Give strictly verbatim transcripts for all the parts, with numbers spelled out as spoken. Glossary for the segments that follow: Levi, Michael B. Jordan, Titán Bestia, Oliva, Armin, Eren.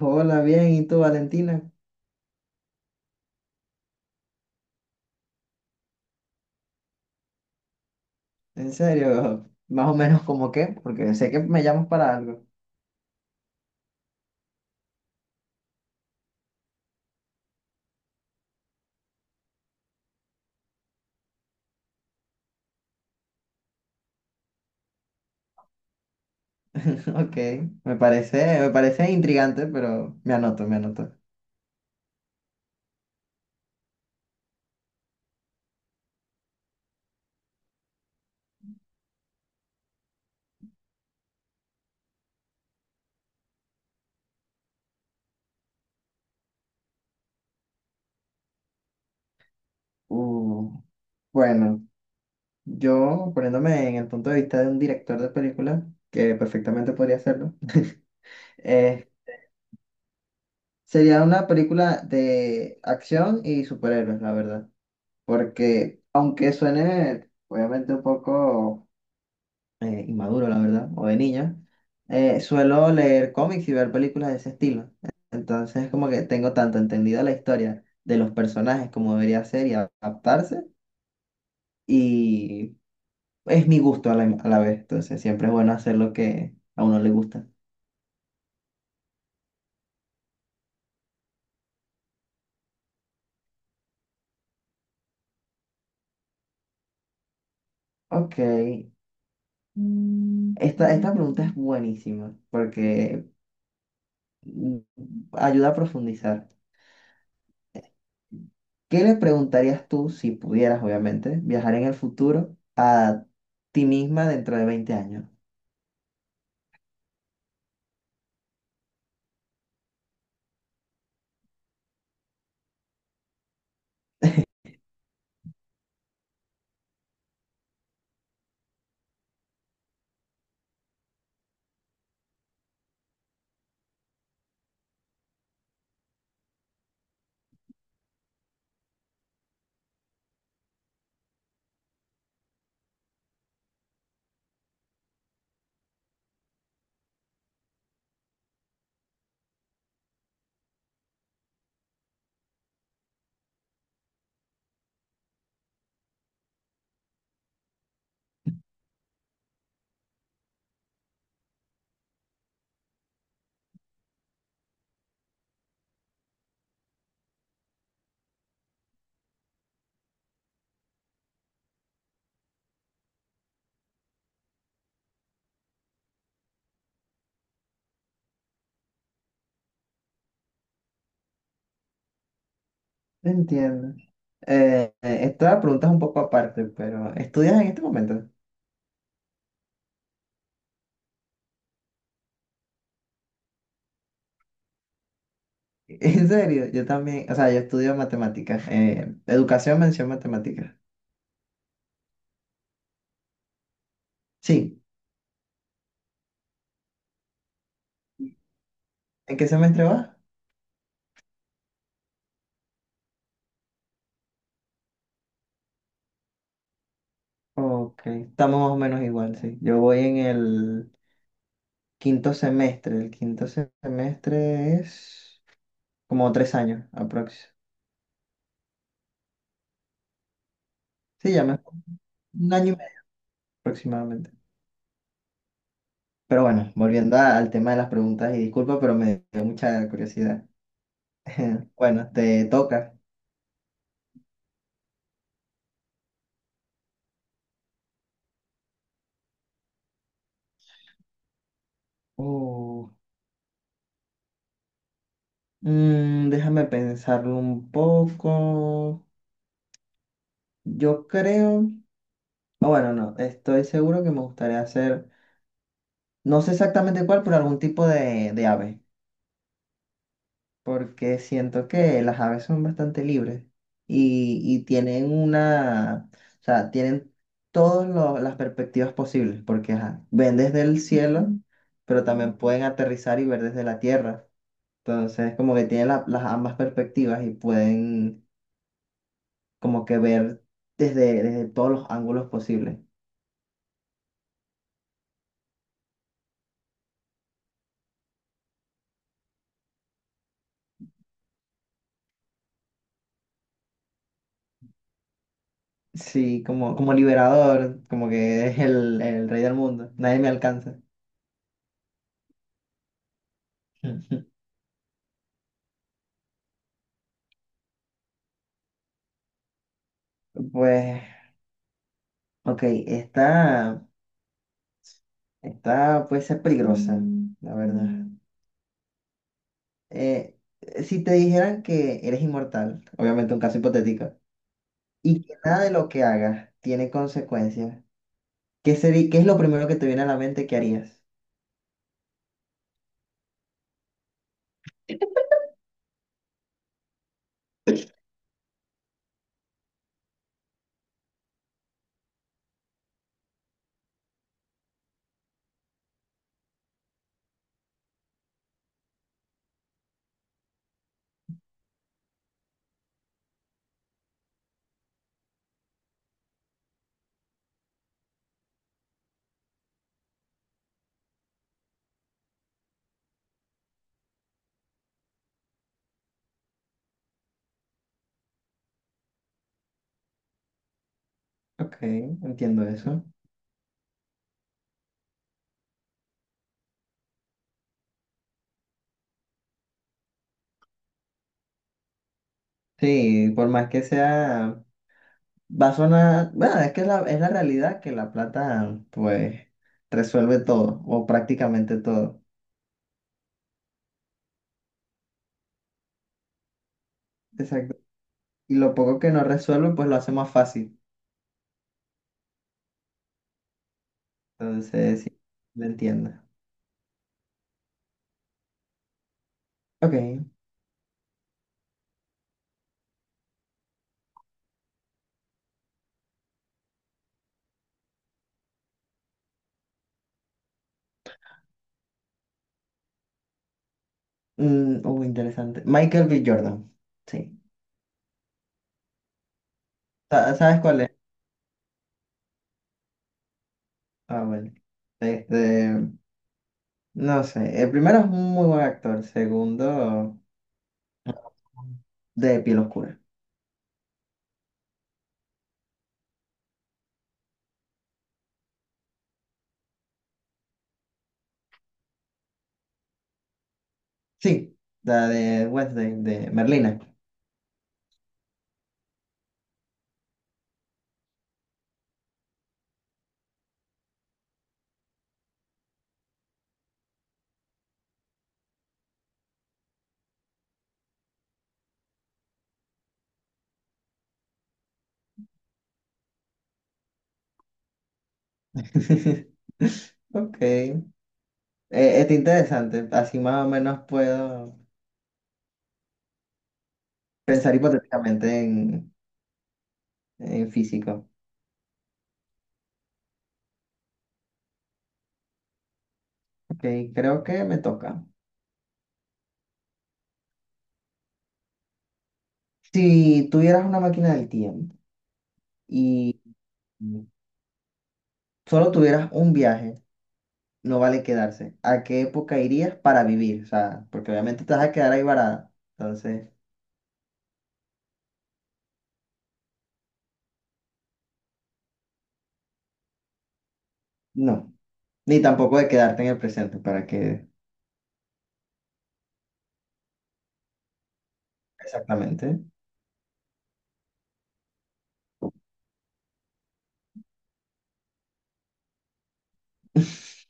Hola, bien, ¿y tú, Valentina? En serio, más o menos como qué, porque sé que me llamas para algo. Ok, me parece, me parece intrigante, pero me anoto, me anoto. Uh, bueno, yo poniéndome en el punto de vista de un director de película, que perfectamente podría hacerlo, eh, sería una película de acción y superhéroes, la verdad, porque aunque suene obviamente un poco eh, inmaduro, la verdad, o de niño, eh, suelo leer cómics y ver películas de ese estilo. Entonces, como que tengo tanto entendida la historia de los personajes como debería ser y adaptarse, y es mi gusto a la, a la vez. Entonces, siempre es bueno hacer lo que a uno le gusta. Ok. Mm, esta, esta pregunta es buenísima porque mm, ayuda a profundizar. ¿Qué le preguntarías tú, si pudieras, obviamente, viajar en el futuro a ti misma dentro de veinte años? Entiendo. Eh, eh, esta pregunta es un poco aparte, pero ¿estudias en este momento? En serio, yo también, o sea, yo estudio matemáticas, eh, educación, mención matemáticas. Sí, ¿en qué semestre vas? Ok, estamos más o menos igual, sí. Yo voy en el quinto semestre, el quinto semestre es como tres años aproximadamente. Sí, ya me un año y medio aproximadamente. Pero bueno, volviendo a- al tema de las preguntas, y disculpa, pero me dio mucha curiosidad. Bueno, te toca. Uh, mm, déjame pensarlo un poco. Yo creo, o bueno, no, estoy seguro que me gustaría hacer, no sé exactamente cuál, pero algún tipo de, de ave. Porque siento que las aves son bastante libres y, y tienen una, o sea, tienen todas las perspectivas posibles, porque ajá, ven desde el cielo, pero también pueden aterrizar y ver desde la tierra. Entonces, como que tienen la- las ambas perspectivas y pueden como que ver desde, desde todos los ángulos posibles. Sí, como, como liberador, como que es el, el rey del mundo, nadie me alcanza. Pues, ok, esta... Está, puede ser peligrosa, la verdad. Eh, si te dijeran que eres inmortal, obviamente un caso hipotético, y que nada de lo que hagas tiene consecuencias, ¿qué sería, qué es lo primero que te viene a la mente que harías? Ok, entiendo eso. Sí, por más que sea, va a sonar, bueno, es que es la, es la realidad que la plata, pues, resuelve todo, o prácticamente todo. Exacto. Y lo poco que no resuelve, pues lo hace más fácil. Entonces, sí, lo entiendo. Ok. Mm, uh, interesante. Michael B. Jordan. Sí. Sa- ¿Sabes cuál es? Ah, bueno. Este, no sé. El primero es un muy buen actor. Segundo, de piel oscura. Sí, la de Wednesday, de Merlina. Ok. Eh, está interesante. Así más o menos puedo pensar hipotéticamente en, en físico. Ok, creo que me toca. Si tuvieras una máquina del tiempo y solo tuvieras un viaje, no vale quedarse. ¿A qué época irías para vivir? O sea, porque obviamente te vas a quedar ahí varada. Entonces, no. Ni tampoco de quedarte en el presente, para que... Exactamente.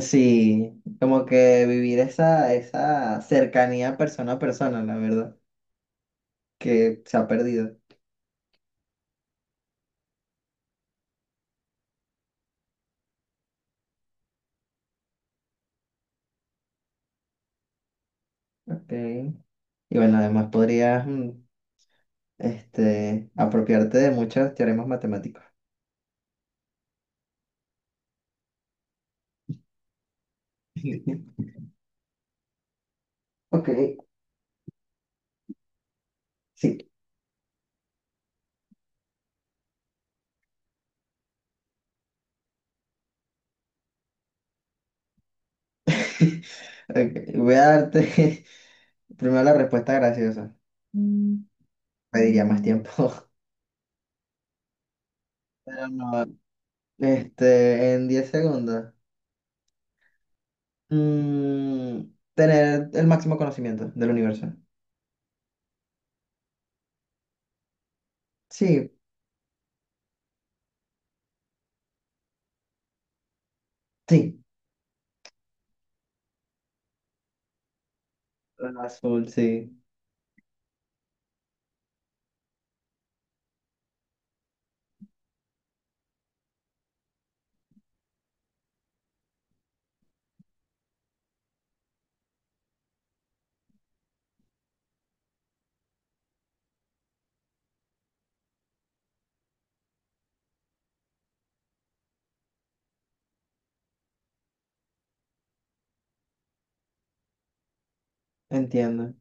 Sí, como que vivir esa, esa cercanía persona a persona, la verdad, que se ha perdido. Ok. Y bueno, además podrías mm, este, apropiarte de muchos teoremas matemáticos. Ok, sí. Ok, voy a darte primero la respuesta graciosa. Mm, Pediría más tiempo. Pero no. Este, en diez segundos. Mm, tener el máximo conocimiento del universo. Sí, sí. El azul, sí. Entiendo.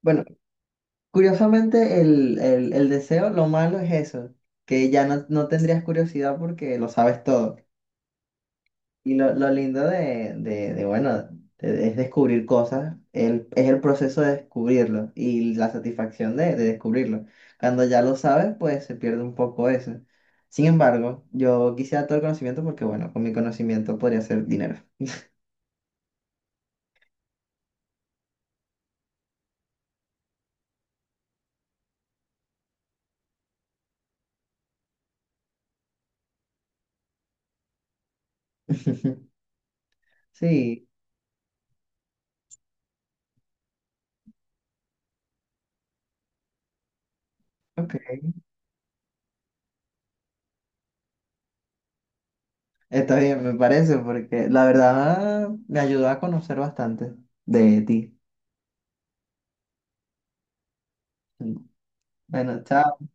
Bueno, curiosamente el, el- el deseo, lo malo es eso, que ya no, no tendrías curiosidad porque lo sabes todo. Y lo, lo lindo de, de, de, bueno, de- es descubrir cosas, el, es el proceso de descubrirlo y la satisfacción de, de descubrirlo. Cuando ya lo sabes, pues se pierde un poco eso. Sin embargo, yo quisiera todo el conocimiento porque, bueno, con mi conocimiento podría hacer dinero. Sí, ok. Está bien, me parece, porque la verdad me ayudó a conocer bastante de ti. Bueno, chao.